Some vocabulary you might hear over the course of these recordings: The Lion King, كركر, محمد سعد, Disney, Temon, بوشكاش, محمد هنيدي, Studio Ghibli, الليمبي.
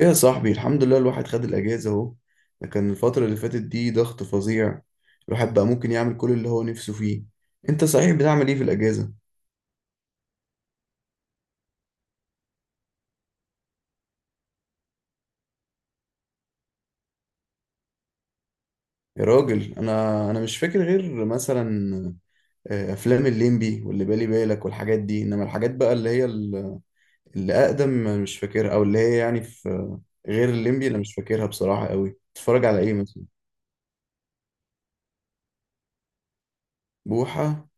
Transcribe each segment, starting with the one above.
ايه يا صاحبي، الحمد لله الواحد خد الاجازه اهو. لكن الفتره اللي فاتت دي ضغط فظيع. الواحد بقى ممكن يعمل كل اللي هو نفسه فيه. انت صحيح بتعمل ايه في الاجازه؟ يا راجل انا مش فاكر غير مثلا افلام الليمبي واللي بالي بالك والحاجات دي، انما الحاجات بقى اللي هي اللي اقدم أنا مش فاكرها، او اللي هي يعني في غير الليمبي انا مش فاكرها بصراحه قوي. تتفرج على ايه مثلا؟ بوحه.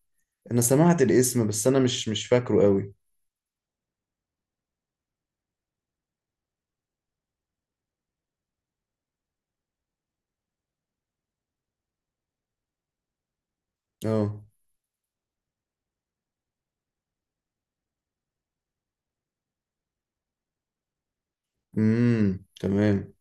انا سمعت الاسم بس انا مش فاكره قوي. اه. امم، تمام.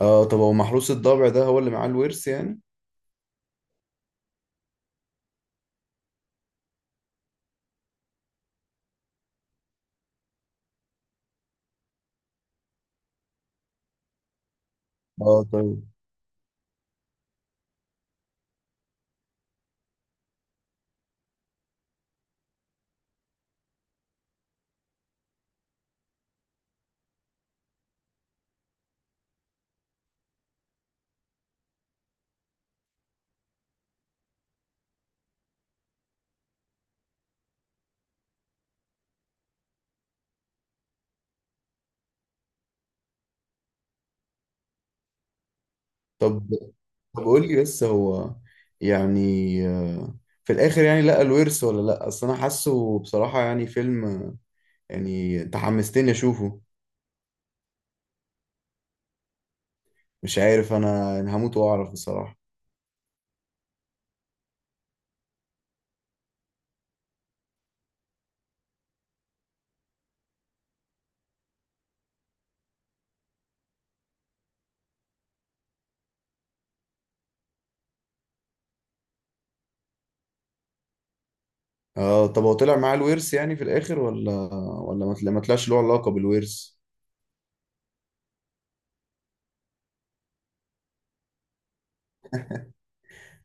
اه، طب هو محروس الضبع ده هو اللي معاه الورث يعني؟ اه، طيب. طب طب قول لي بس هو يعني، آه، في الاخر يعني لقى الورث ولا لا؟ اصل انا حاسه بصراحة يعني فيلم، يعني انت حمستني اشوفه. مش عارف، انا هموت واعرف بصراحة. اه، طب هو طلع معاه الورث يعني في الاخر، ولا ما طلعش له علاقة بالورث؟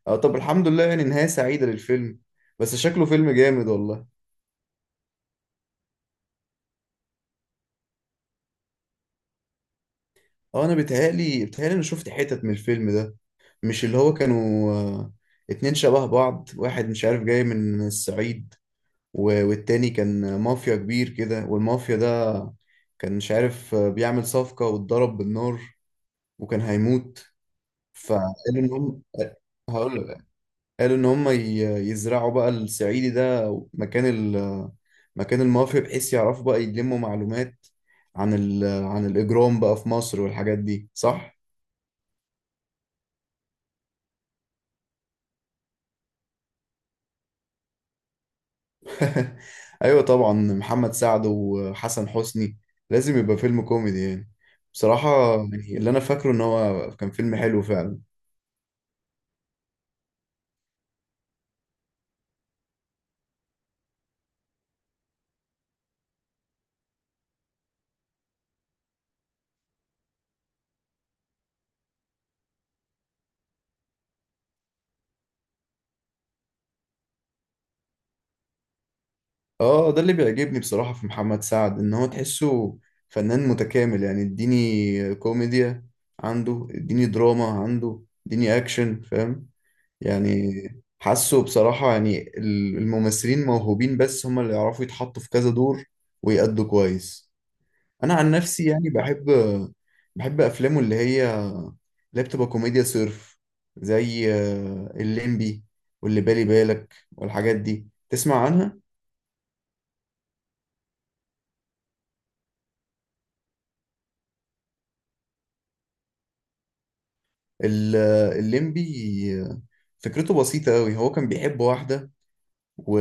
اه، طب الحمد لله، يعني نهاية سعيدة للفيلم. بس شكله فيلم جامد والله. اه، انا بيتهيألي انا شفت حتت من الفيلم ده. مش اللي هو كانوا، اتنين شبه بعض، واحد مش عارف جاي من الصعيد، والتاني كان مافيا كبير كده، والمافيا ده كان مش عارف، بيعمل صفقة واتضرب بالنار، وكان هيموت. فقالوا إن هم... هقول لك. قالوا إن هم يزرعوا بقى الصعيدي ده مكان مكان المافيا، بحيث يعرفوا بقى يلموا معلومات عن عن الإجرام بقى في مصر والحاجات دي، صح؟ ايوه طبعا، محمد سعد وحسن حسني لازم يبقى فيلم كوميدي يعني. بصراحة يعني اللي انا فاكره ان هو كان فيلم حلو فعلا. اه، ده اللي بيعجبني بصراحة في محمد سعد، ان هو تحسه فنان متكامل. يعني اديني كوميديا عنده، اديني دراما عنده، اديني اكشن، فاهم؟ يعني حاسه بصراحة يعني الممثلين موهوبين، بس هما اللي يعرفوا يتحطوا في كذا دور ويأدوا كويس. انا عن نفسي يعني بحب افلامه اللي هي اللي بتبقى كوميديا صرف، زي الليمبي واللي بالي بالك والحاجات دي تسمع عنها. ال- الليمبي، آه، فكرته بسيطة أوي. هو كان بيحب واحدة، و...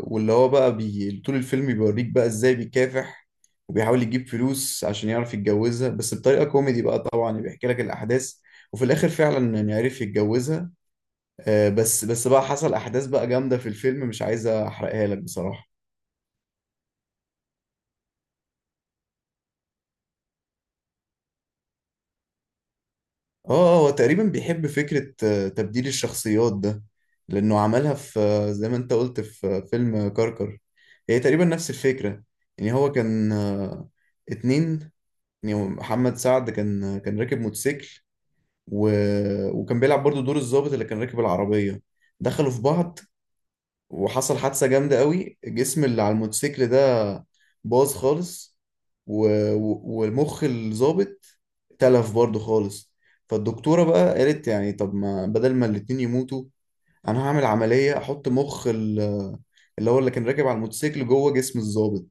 واللي هو بقى طول الفيلم بيوريك بقى إزاي بيكافح وبيحاول يجيب فلوس عشان يعرف يتجوزها، بس بطريقة كوميدي بقى طبعا، بيحكي لك الأحداث. وفي الآخر فعلا يعني عرف يتجوزها. بس بقى حصل احداث بقى جامده في الفيلم، مش عايز احرقها لك بصراحه. اه، هو تقريبا بيحب فكره تبديل الشخصيات ده. لانه عملها في زي ما انت قلت، في فيلم كركر. هي تقريبا نفس الفكره. يعني هو كان، اتنين، يعني هو محمد سعد كان، كان راكب موتوسيكل، و... وكان بيلعب برضو دور الضابط اللي كان راكب العربيه. دخلوا في بعض، وحصل حادثة جامدة قوي. الجسم اللي على الموتوسيكل ده باظ خالص، و... والمخ الظابط تلف برضه خالص. فالدكتورة بقى قالت يعني، طب ما بدل ما الاتنين يموتوا انا هعمل عملية احط مخ اللي هو اللي كان راكب على الموتوسيكل جوه جسم الظابط.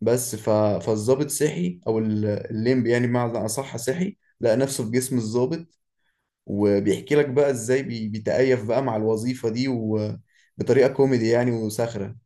بس فالظابط صحي، او الليمبي يعني بمعنى اصح، صحي لقى نفسه في جسم الظابط. وبيحكي لك بقى ازاي بيتكيف بقى مع الوظيفة دي، وبطريقة كوميدي يعني وساخرة.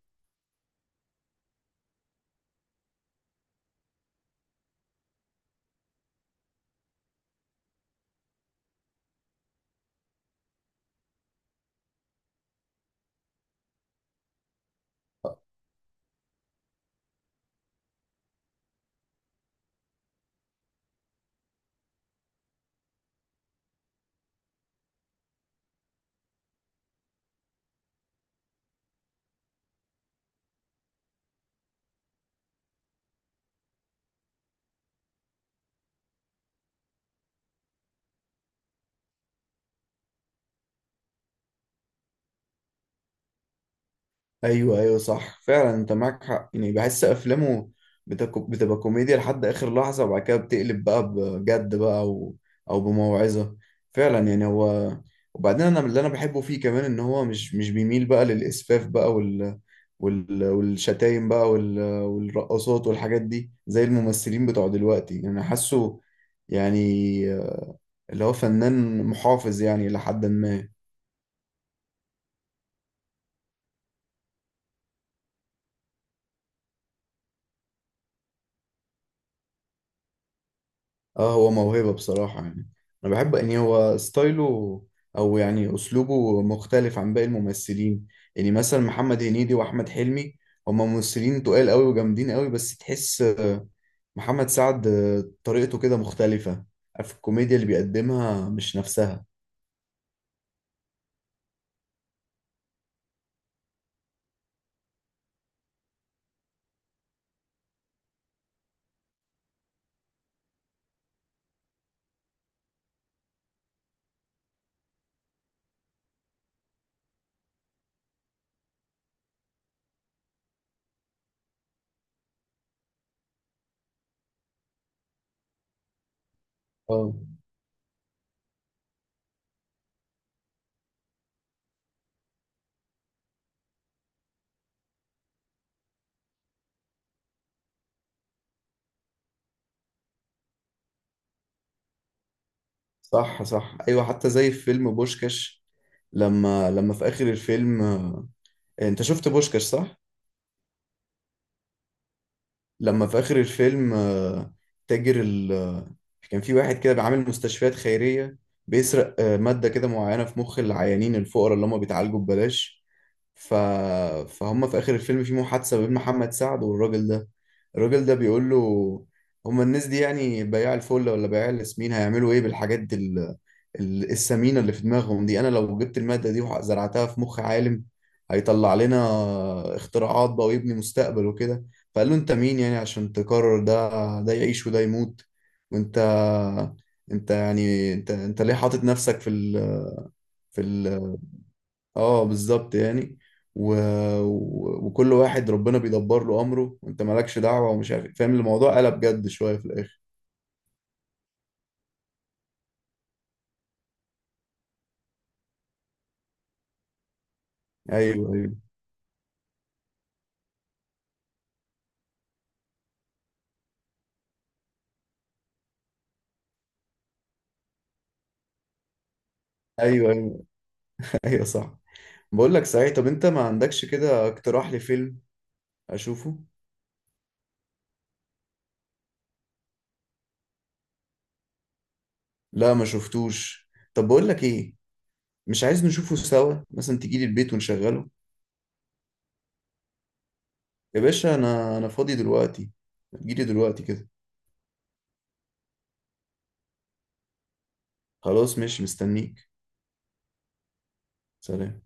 ايوه ايوه، صح فعلا انت معاك حق. يعني بحس افلامه بتبقى كوميديا لحد اخر لحظة، وبعد كده بتقلب بقى بجد بقى، او بموعظة. فعلا يعني هو، وبعدين انا اللي انا بحبه فيه كمان ان هو مش بيميل بقى للاسفاف بقى، والشتايم بقى والرقصات والحاجات دي زي الممثلين بتوع دلوقتي. انا حاسه يعني اللي هو فنان محافظ يعني، لحد ما... اه، هو موهبة بصراحة يعني. انا بحب ان هو ستايله، او يعني اسلوبه، مختلف عن باقي الممثلين. يعني مثلا محمد هنيدي واحمد حلمي، هما ممثلين تقال قوي وجامدين قوي، بس تحس محمد سعد طريقته كده مختلفة في الكوميديا اللي بيقدمها، مش نفسها. اه، صح صح، ايوه. حتى زي في فيلم بوشكاش، لما في اخر الفيلم، انت شفت بوشكاش، صح؟ لما في آخر الفيلم تاجر ال آه، كان في واحد كده بيعامل مستشفيات خيرية، بيسرق مادة كده معينة في مخ العيانين الفقراء اللي هم بيتعالجوا ببلاش. ف... فهم في آخر الفيلم في محادثة بين محمد سعد والراجل ده. الراجل ده بيقول له: هم الناس دي يعني بياع الفل ولا بياع الياسمين هيعملوا ايه بالحاجات السمينة اللي في دماغهم دي؟ انا لو جبت المادة دي وزرعتها في مخ عالم، هيطلع لنا اختراعات بقى ويبني مستقبل وكده. فقال له: انت مين يعني عشان تقرر ده ده يعيش وده يموت؟ وانت انت يعني انت انت ليه حاطط نفسك في ال في ال اه، بالظبط يعني. و... وكل واحد ربنا بيدبر له امره، وانت مالكش دعوه، ومش عارف إيه. فاهم؟ الموضوع قلب جد شويه في الاخر. ايوه ايوه ايوه ايوه. ايوه صح. بقول لك صحيح، طب انت ما عندكش كده اقتراح لفيلم اشوفه؟ لا ما شفتوش. طب بقول لك ايه، مش عايز نشوفه سوا؟ مثلا تيجي لي البيت ونشغله. يا باشا انا فاضي دلوقتي، جيلي دلوقتي كده. خلاص ماشي، مستنيك. سلام.